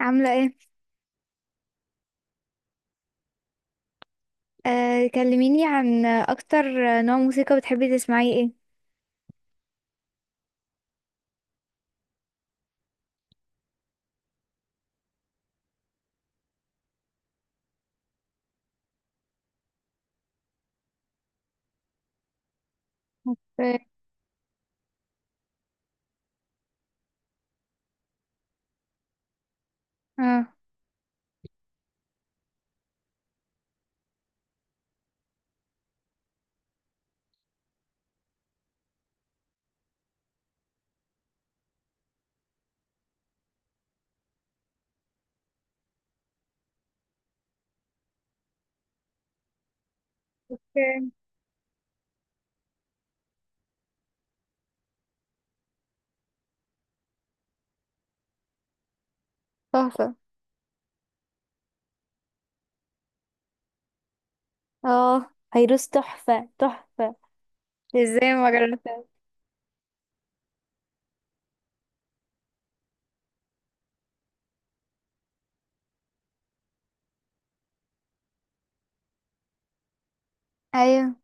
عاملة ايه؟ كلميني عن اكتر نوع موسيقى بتحبي تسمعيه ايه؟ اوكي. اه. اوكي. تحفة. اه، فيروز تحفة تحفة. ازاي ما جربتها؟ ايوه،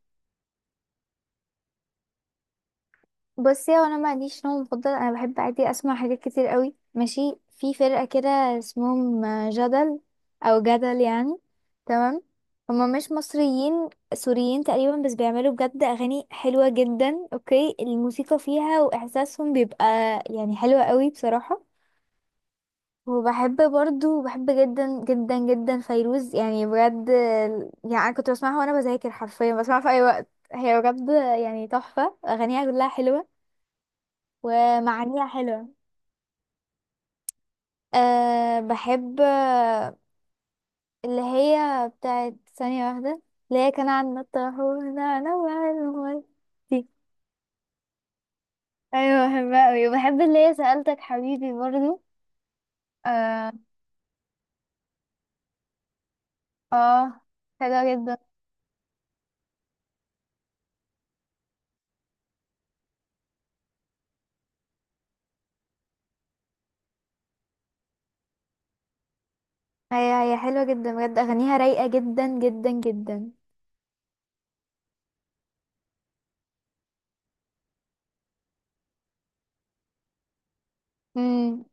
بصي، هو انا ما عنديش نوع مفضل. انا بحب عادي اسمع حاجات كتير قوي. ماشي. في فرقة كده اسمهم جدل، او جدل يعني. تمام. هما مش مصريين، سوريين تقريبا، بس بيعملوا بجد اغاني حلوة جدا. اوكي الموسيقى فيها واحساسهم بيبقى يعني حلوة قوي بصراحة. وبحب برضو، بحب جدا جدا جدا فيروز، يعني بجد. يعني انا كنت بسمعها وانا بذاكر، حرفيا بسمعها في اي وقت، هي بجد يعني تحفة. اغانيها كلها حلوة ومعانيها حلوة. أه بحب اللي هي بتاعت ثانية واحدة، اللي هي كان عندنا الطاحون انا وعلمي، دي. ايوه بحبها اوي. وبحب اللي هي سألتك حبيبي برضو. اه. اه حلوة جدا. هي هي حلوة جدا بجد، اغانيها رايقة جدا جدا جدا. امم.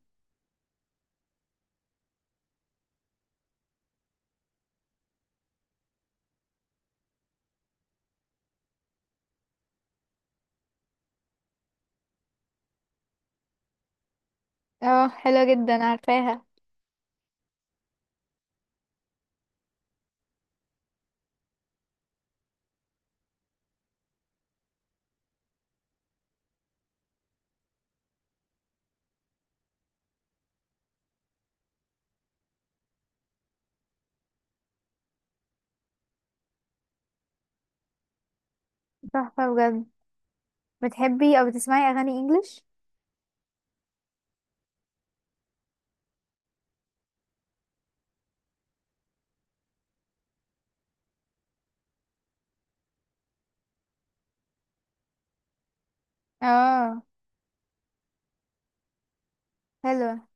اه حلوة جدا عارفاها. تحفة بجد. بتحبي أو بتسمعي أغاني إنجليش؟ اه. حلوة.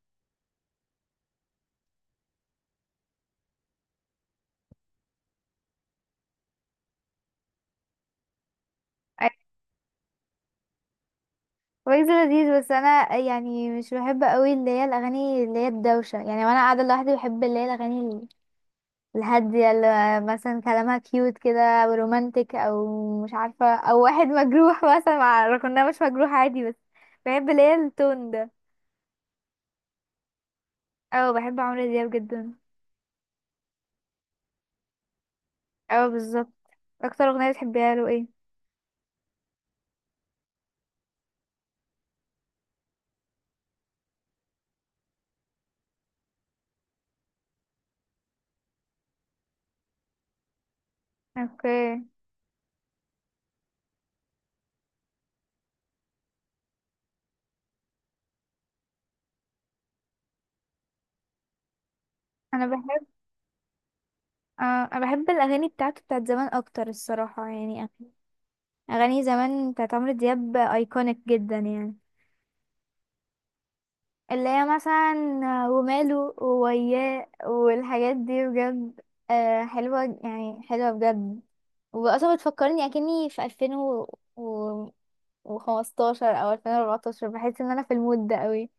أي. ويجز لذيذ، بس أنا يعني مش بحب قوي اللي هي الأغاني اللي هي الدوشة يعني. وأنا قاعدة لوحدي بحب اللي هي الأغاني الهادية، اللي مثلا كلامها كيوت كده، أو رومانتك، أو مش عارفة، أو واحد مجروح مثلا، مع رغم مش مجروح عادي، بس بحب اللي هي التون ده. أو بحب عمرو دياب جدا. أو بالظبط. أكتر أغنية بتحبيها له إيه؟ اوكي. أنا بحب. آه انا بحب الاغاني بتاعته، بتاعت زمان اكتر الصراحه يعني. اغاني زمان بتاعت عمرو دياب ايكونيك جدا يعني، اللي هي مثلا وماله ووياه والحاجات دي بجد. آه حلوه يعني حلوه بجد. واصلا بتفكرني اكني في 2015 او 2014، بحس ان انا في المود ده قوي.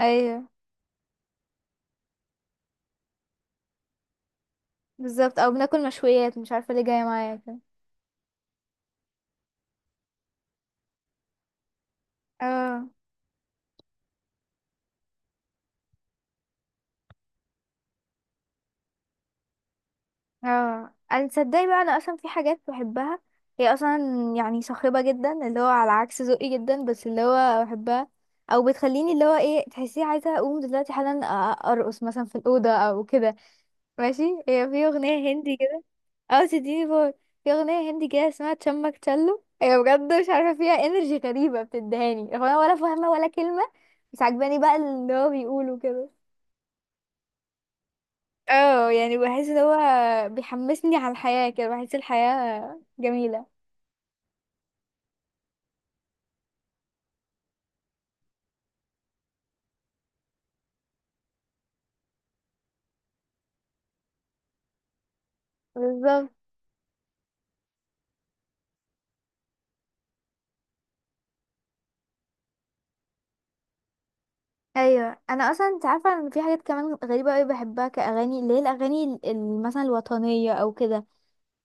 ايوه بالظبط، او بناكل مشويات، مش عارفه ليه جايه معايا كده. اه. اه انا تصدقي بقى، انا اصلا في حاجات بحبها هي اصلا يعني صاخبه جدا، اللي هو على عكس ذوقي جدا، بس اللي هو بحبها او بتخليني اللي هو ايه، تحسيه عايزه اقوم دلوقتي حالا ارقص مثلا في الاوضه او كده. ماشي. هي في اغنيه هندي كده، او تديني فور. في اغنيه هندي كده اسمها تشمك تشلو، هي بجد مش عارفه فيها انرجي غريبه بتدهاني، هو انا ولا فاهمه ولا كلمه، بس عجباني بقى اللي هو بيقوله كده. اه يعني بحس ان هو بيحمسني على الحياة كده، بحس الحياة جميلة. بالظبط. ايوه انا اصلا انت عارفه ان في حاجات كمان غريبه قوي بحبها كاغاني، اللي هي الاغاني مثلا الوطنيه او كده.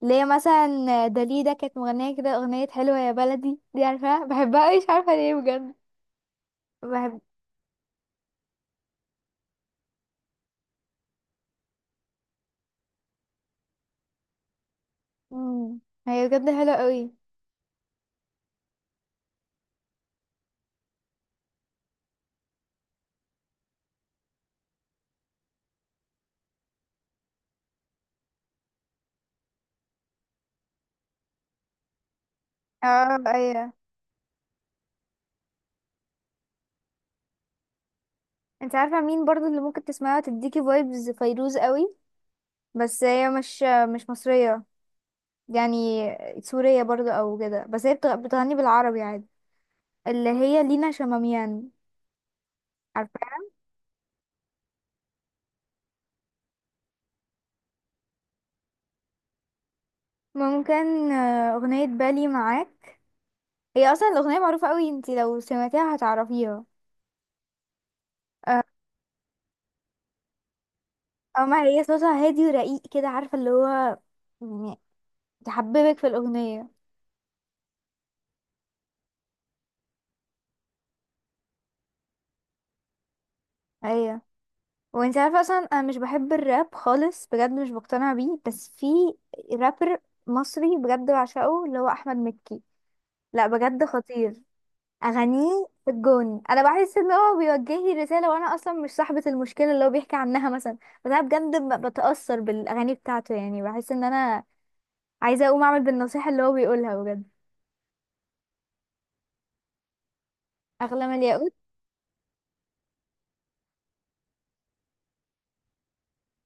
اللي هي مثلا داليدا كانت مغنيه كده، اغنيه حلوه يا بلدي دي عارفاها، بحبها قوي مش عارفه ليه بجد. بحب. مم. هي بجد حلوه قوي. اه ايوه. انت عارفه مين برضو اللي ممكن تسمعها تديكي فايبز فيروز قوي، بس هي مش مصريه يعني، سورية برضو او كده، بس هي بتغني بالعربي عادي. اللي هي لينا شماميان، عارفاها؟ ممكن اغنية بالي معاك. هي اصلا الاغنية معروفة قوي، انتي لو سمعتيها هتعرفيها. آه، اما هي صوتها هادي ورقيق كده، عارفة اللي هو يعني تحببك في الاغنية. ايوه. وانتي عارفة اصلا انا مش بحب الراب خالص بجد، مش بقتنع بيه، بس في رابر مصري بجد بعشقه، اللي هو احمد مكي. لا بجد خطير. اغانيه في الجون، انا بحس ان هو بيوجه لي رساله وانا اصلا مش صاحبه المشكله اللي هو بيحكي عنها مثلا، بس انا بجد بتاثر بالاغاني بتاعته. يعني بحس ان انا عايزه اقوم اعمل بالنصيحه اللي هو بيقولها بجد. اغلى من الياقوت.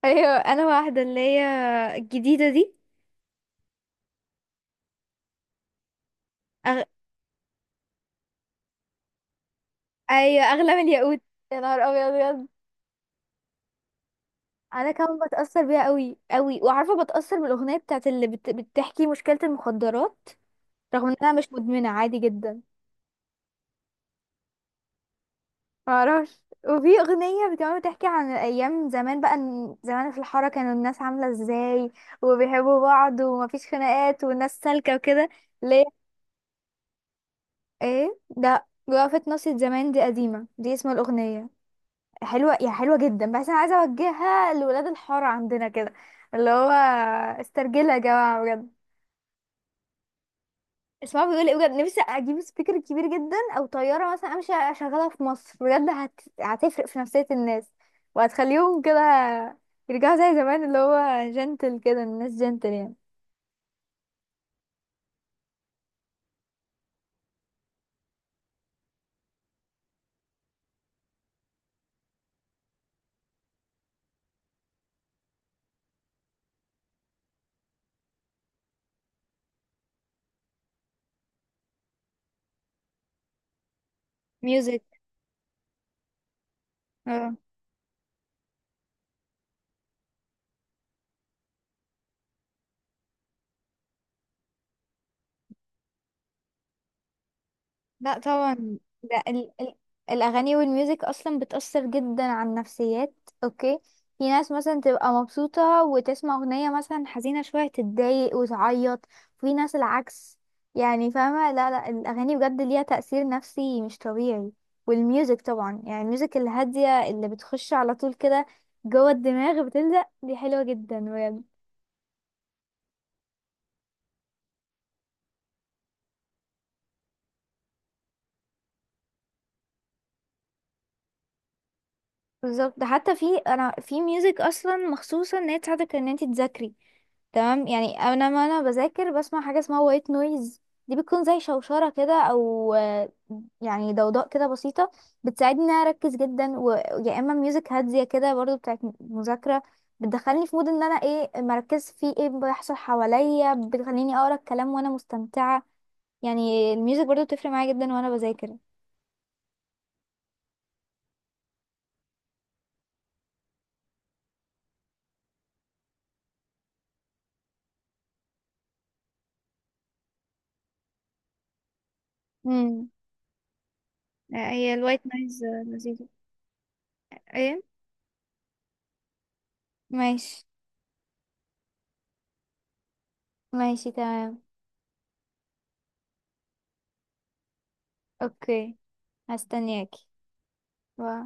ايوه انا واحده اللي هي الجديده دي. أغ... ايوه اغلى من الياقوت، يا نهار ابيض بجد. انا كمان بتاثر بيها قوي قوي. وعارفه بتاثر بالاغنيه بتاعت اللي بتحكي مشكله المخدرات، رغم ان انا مش مدمنه عادي جدا. معرفش. وفي أغنية كمان بتحكي عن أيام زمان بقى، إن زمان في الحارة كانوا الناس عاملة ازاي وبيحبوا بعض ومفيش خناقات والناس سالكة وكده. ليه. ايه ده، وقفة ناصية زمان دي قديمة، دي اسم الأغنية. حلوة، يا حلوة جدا، بس أنا عايزة أوجهها لولاد الحارة عندنا كده، اللي هو استرجلها يا جماعة بجد. اسمها بيقول ايه، بجد نفسي اجيب سبيكر كبير جدا او طياره مثلا امشي اشغلها في مصر، بجد هتفرق في نفسيه الناس، وهتخليهم كده يرجعوا زي زمان اللي هو جنتل كده، الناس جنتل يعني. ميوزك. لا طبعا ده ال ال الاغاني والميوزك اصلا بتأثر جدا على النفسيات. اوكي. في ناس مثلا تبقى مبسوطة وتسمع اغنية مثلا حزينة شوية تتضايق وتعيط، وفي ناس العكس يعني، فاهمة؟ لا لا، الاغاني بجد ليها تأثير نفسي مش طبيعي. والميوزك طبعا، يعني الميوزك الهادية اللي بتخش على طول كده جوه الدماغ بتلزق، دي حلوة جدا بجد. بالظبط، ده حتى في انا في ميوزك اصلا مخصوصه ان هي تساعدك ان انت تذاكري، تمام؟ يعني انا ما انا بذاكر بسمع حاجه اسمها وايت نويز، دي بتكون زي شوشره كده، او يعني ضوضاء كده بسيطه، بتساعدني ان انا اركز جدا. ويا اما ميوزك هاديه كده برضو بتاعت مذاكره بتدخلني في مود ان انا ايه مركز في ايه بيحصل حواليا، بتخليني اقرا الكلام وانا مستمتعه. يعني الميوزك برضو بتفرق معايا جدا وانا بذاكر. امم. هي الوايت نويز لذيذة. ايه. ماشي. ماشي تمام. اوكي. هستنياكي. باي.